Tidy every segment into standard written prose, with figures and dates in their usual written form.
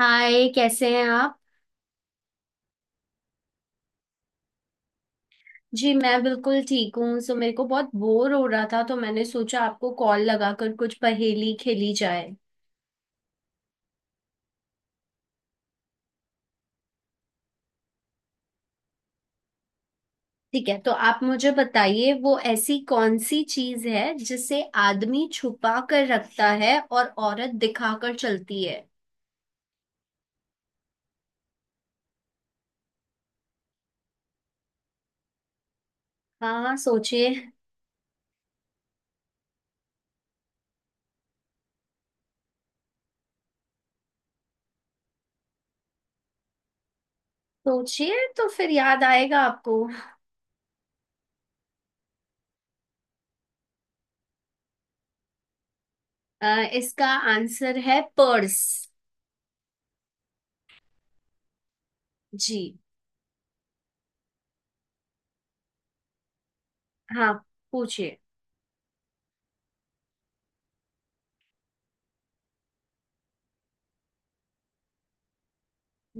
हाय, कैसे हैं आप। जी मैं बिल्कुल ठीक हूँ। सो मेरे को बहुत बोर हो रहा था, तो मैंने सोचा आपको कॉल लगाकर कुछ पहेली खेली जाए। ठीक है, तो आप मुझे बताइए, वो ऐसी कौन सी चीज है जिसे आदमी छुपा कर रखता है और औरत दिखा कर चलती है। हाँ, सोचिए। सोचिए तो फिर याद आएगा आपको। अ, इसका आंसर है पर्स। जी। हाँ, पूछिए।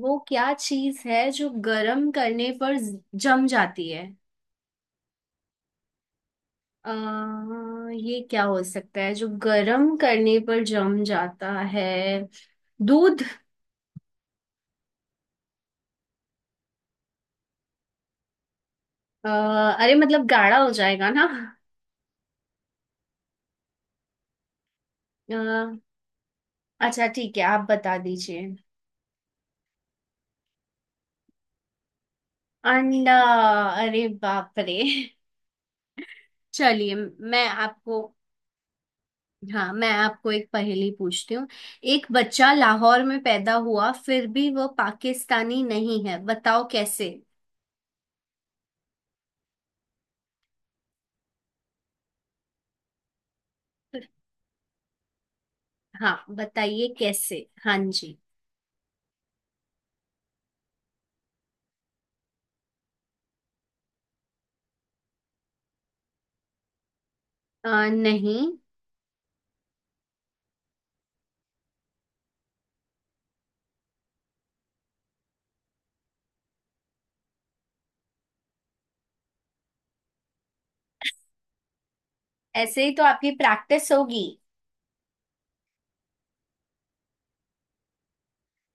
वो क्या चीज है जो गर्म करने पर जम जाती है। आ, ये क्या हो सकता है जो गर्म करने पर जम जाता है। दूध। अ, अरे मतलब गाढ़ा हो जाएगा ना। अ, अच्छा ठीक है, आप बता दीजिए। अंडा। अरे बाप रे। चलिए मैं आपको। हाँ, मैं आपको एक पहेली पूछती हूँ। एक बच्चा लाहौर में पैदा हुआ फिर भी वह पाकिस्तानी नहीं है, बताओ कैसे। हाँ, बताइए कैसे। हाँ जी। नहीं। ऐसे ही तो आपकी प्रैक्टिस होगी।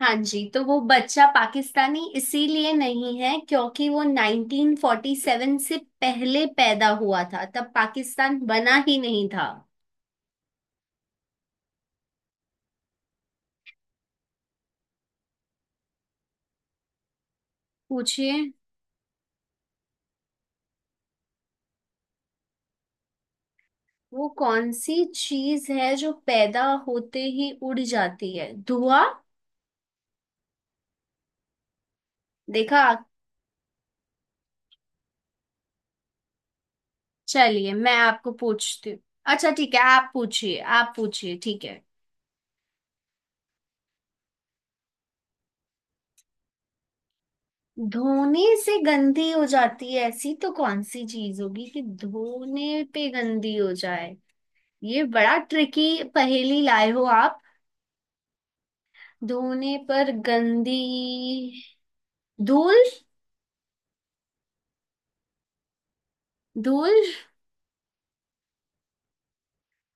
हाँ जी, तो वो बच्चा पाकिस्तानी इसीलिए नहीं है क्योंकि वो 1947 से पहले पैदा हुआ था, तब पाकिस्तान बना ही नहीं था। पूछिए। वो कौन सी चीज है जो पैदा होते ही उड़ जाती है। धुआं। देखा। चलिए मैं आपको पूछती हूँ। अच्छा ठीक है, आप पूछिए, आप पूछिए। ठीक है। धोने से गंदी हो जाती है, ऐसी तो कौन सी चीज होगी कि धोने पे गंदी हो जाए। ये बड़ा ट्रिकी पहेली लाए हो आप। धोने पर गंदी। धूल। धूल।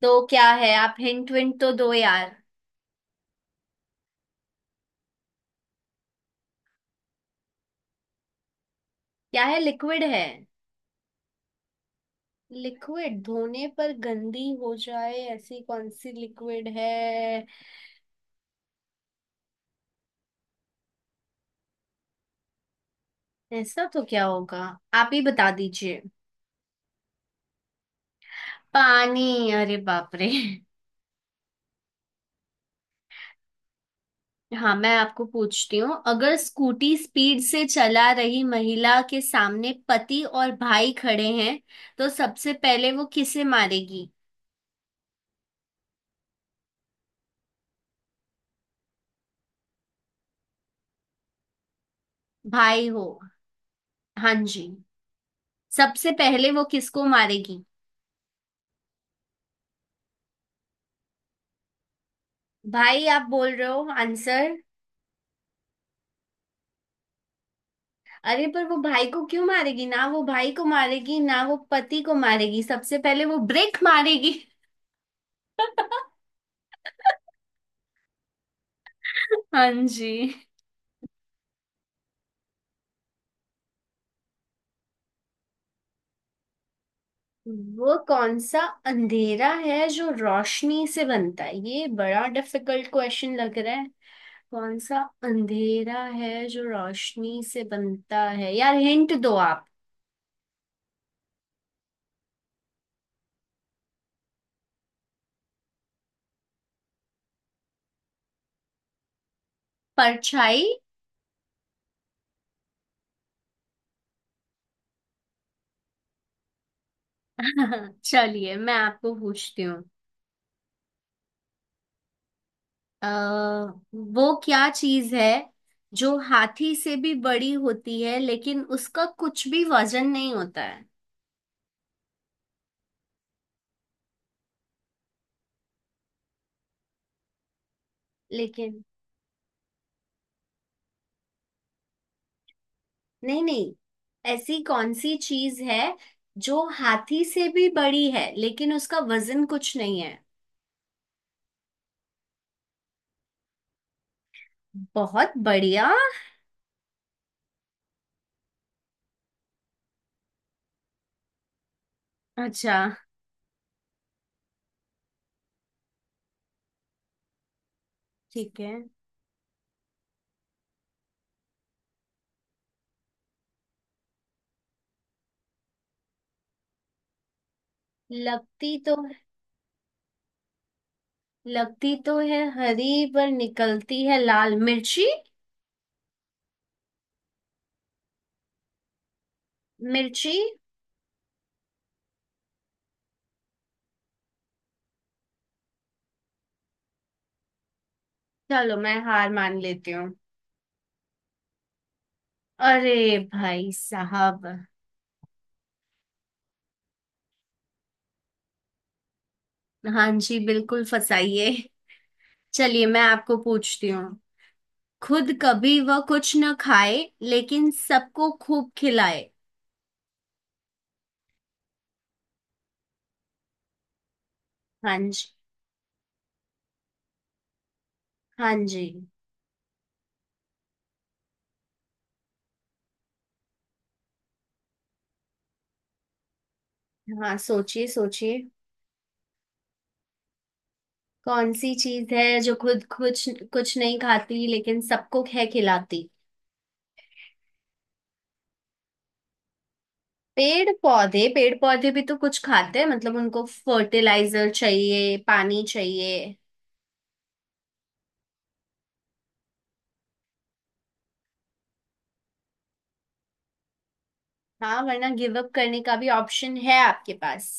तो क्या है, आप हिंट विंट तो दो यार। क्या है, लिक्विड है। लिक्विड धोने पर गंदी हो जाए, ऐसी कौन सी लिक्विड है। ऐसा तो क्या होगा, आप ही बता दीजिए। पानी। अरे बाप रे। हाँ, मैं आपको पूछती हूँ, अगर स्कूटी स्पीड से चला रही महिला के सामने पति और भाई खड़े हैं, तो सबसे पहले वो किसे मारेगी। भाई हो। हाँ जी। सबसे पहले वो किसको मारेगी। भाई आप बोल रहे हो आंसर। अरे पर वो भाई को क्यों मारेगी, ना वो भाई को मारेगी, ना वो पति को मारेगी। सबसे पहले वो ब्रेक मारेगी। हाँ जी। वो कौन सा अंधेरा है जो रोशनी से बनता है, ये बड़ा डिफिकल्ट क्वेश्चन लग रहा है। कौन सा अंधेरा है जो रोशनी से बनता है, यार हिंट दो आप। परछाई। चलिए मैं आपको पूछती हूँ। अ, वो क्या चीज है जो हाथी से भी बड़ी होती है लेकिन उसका कुछ भी वजन नहीं होता है। लेकिन नहीं, नहीं, ऐसी कौन सी चीज है जो हाथी से भी बड़ी है लेकिन उसका वजन कुछ नहीं है। बहुत बढ़िया। अच्छा ठीक है। लगती तो, लगती तो है हरी पर निकलती है लाल। मिर्ची। मिर्ची। चलो मैं हार मान लेती हूँ। अरे भाई साहब। हाँ जी, बिल्कुल फसाइए। चलिए मैं आपको पूछती हूँ। खुद कभी वह कुछ न खाए लेकिन सबको खूब खिलाए। हाँ जी। हाँ जी। हाँ, सोचिए सोचिए। कौन सी चीज है जो खुद कुछ, कुछ नहीं खाती लेकिन सबको है खिलाती। पेड़ पौधे। पेड़ पौधे भी तो कुछ खाते हैं, मतलब उनको फर्टिलाइजर चाहिए, पानी चाहिए। हाँ, वरना गिव अप करने का भी ऑप्शन है आपके पास।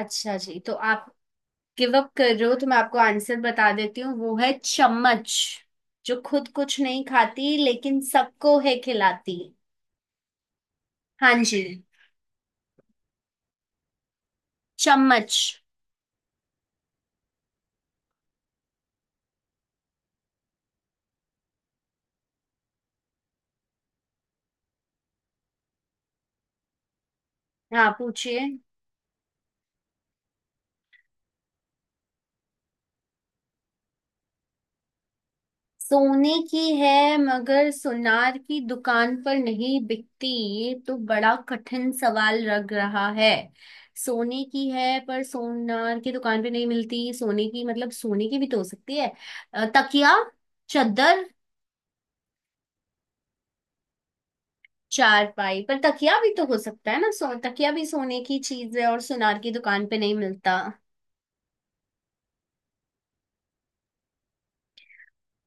अच्छा जी, तो आप गिव अप कर रहे हो तो मैं आपको आंसर बता देती हूँ, वो है चम्मच, जो खुद कुछ नहीं खाती लेकिन सबको है खिलाती। हाँ जी। चम्मच। हाँ, पूछिए। सोने की है मगर सुनार की दुकान पर नहीं बिकती। ये तो बड़ा कठिन सवाल लग रहा है। सोने की है पर सोनार की दुकान पे नहीं मिलती, सोने की मतलब सोने की भी तो हो सकती है। तकिया। चादर। चारपाई पर तकिया भी तो हो सकता है ना, सो तकिया भी सोने की चीज है और सुनार की दुकान पे नहीं मिलता।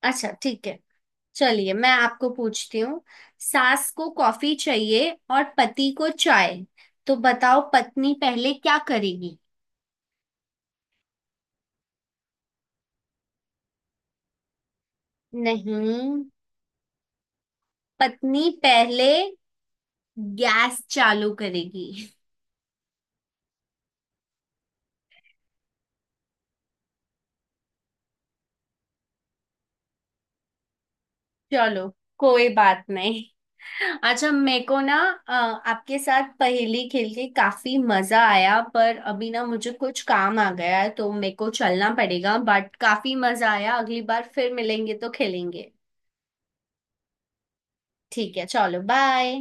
अच्छा ठीक है। चलिए मैं आपको पूछती हूँ। सास को कॉफी चाहिए और पति को चाय, तो बताओ पत्नी पहले क्या करेगी। नहीं, पत्नी पहले गैस चालू करेगी। चलो कोई बात नहीं। अच्छा मेरे को ना, आपके साथ पहेली खेल के काफी मजा आया पर अभी ना मुझे कुछ काम आ गया है तो मेरे को चलना पड़ेगा, बट काफी मजा आया। अगली बार फिर मिलेंगे तो खेलेंगे। ठीक है, चलो बाय।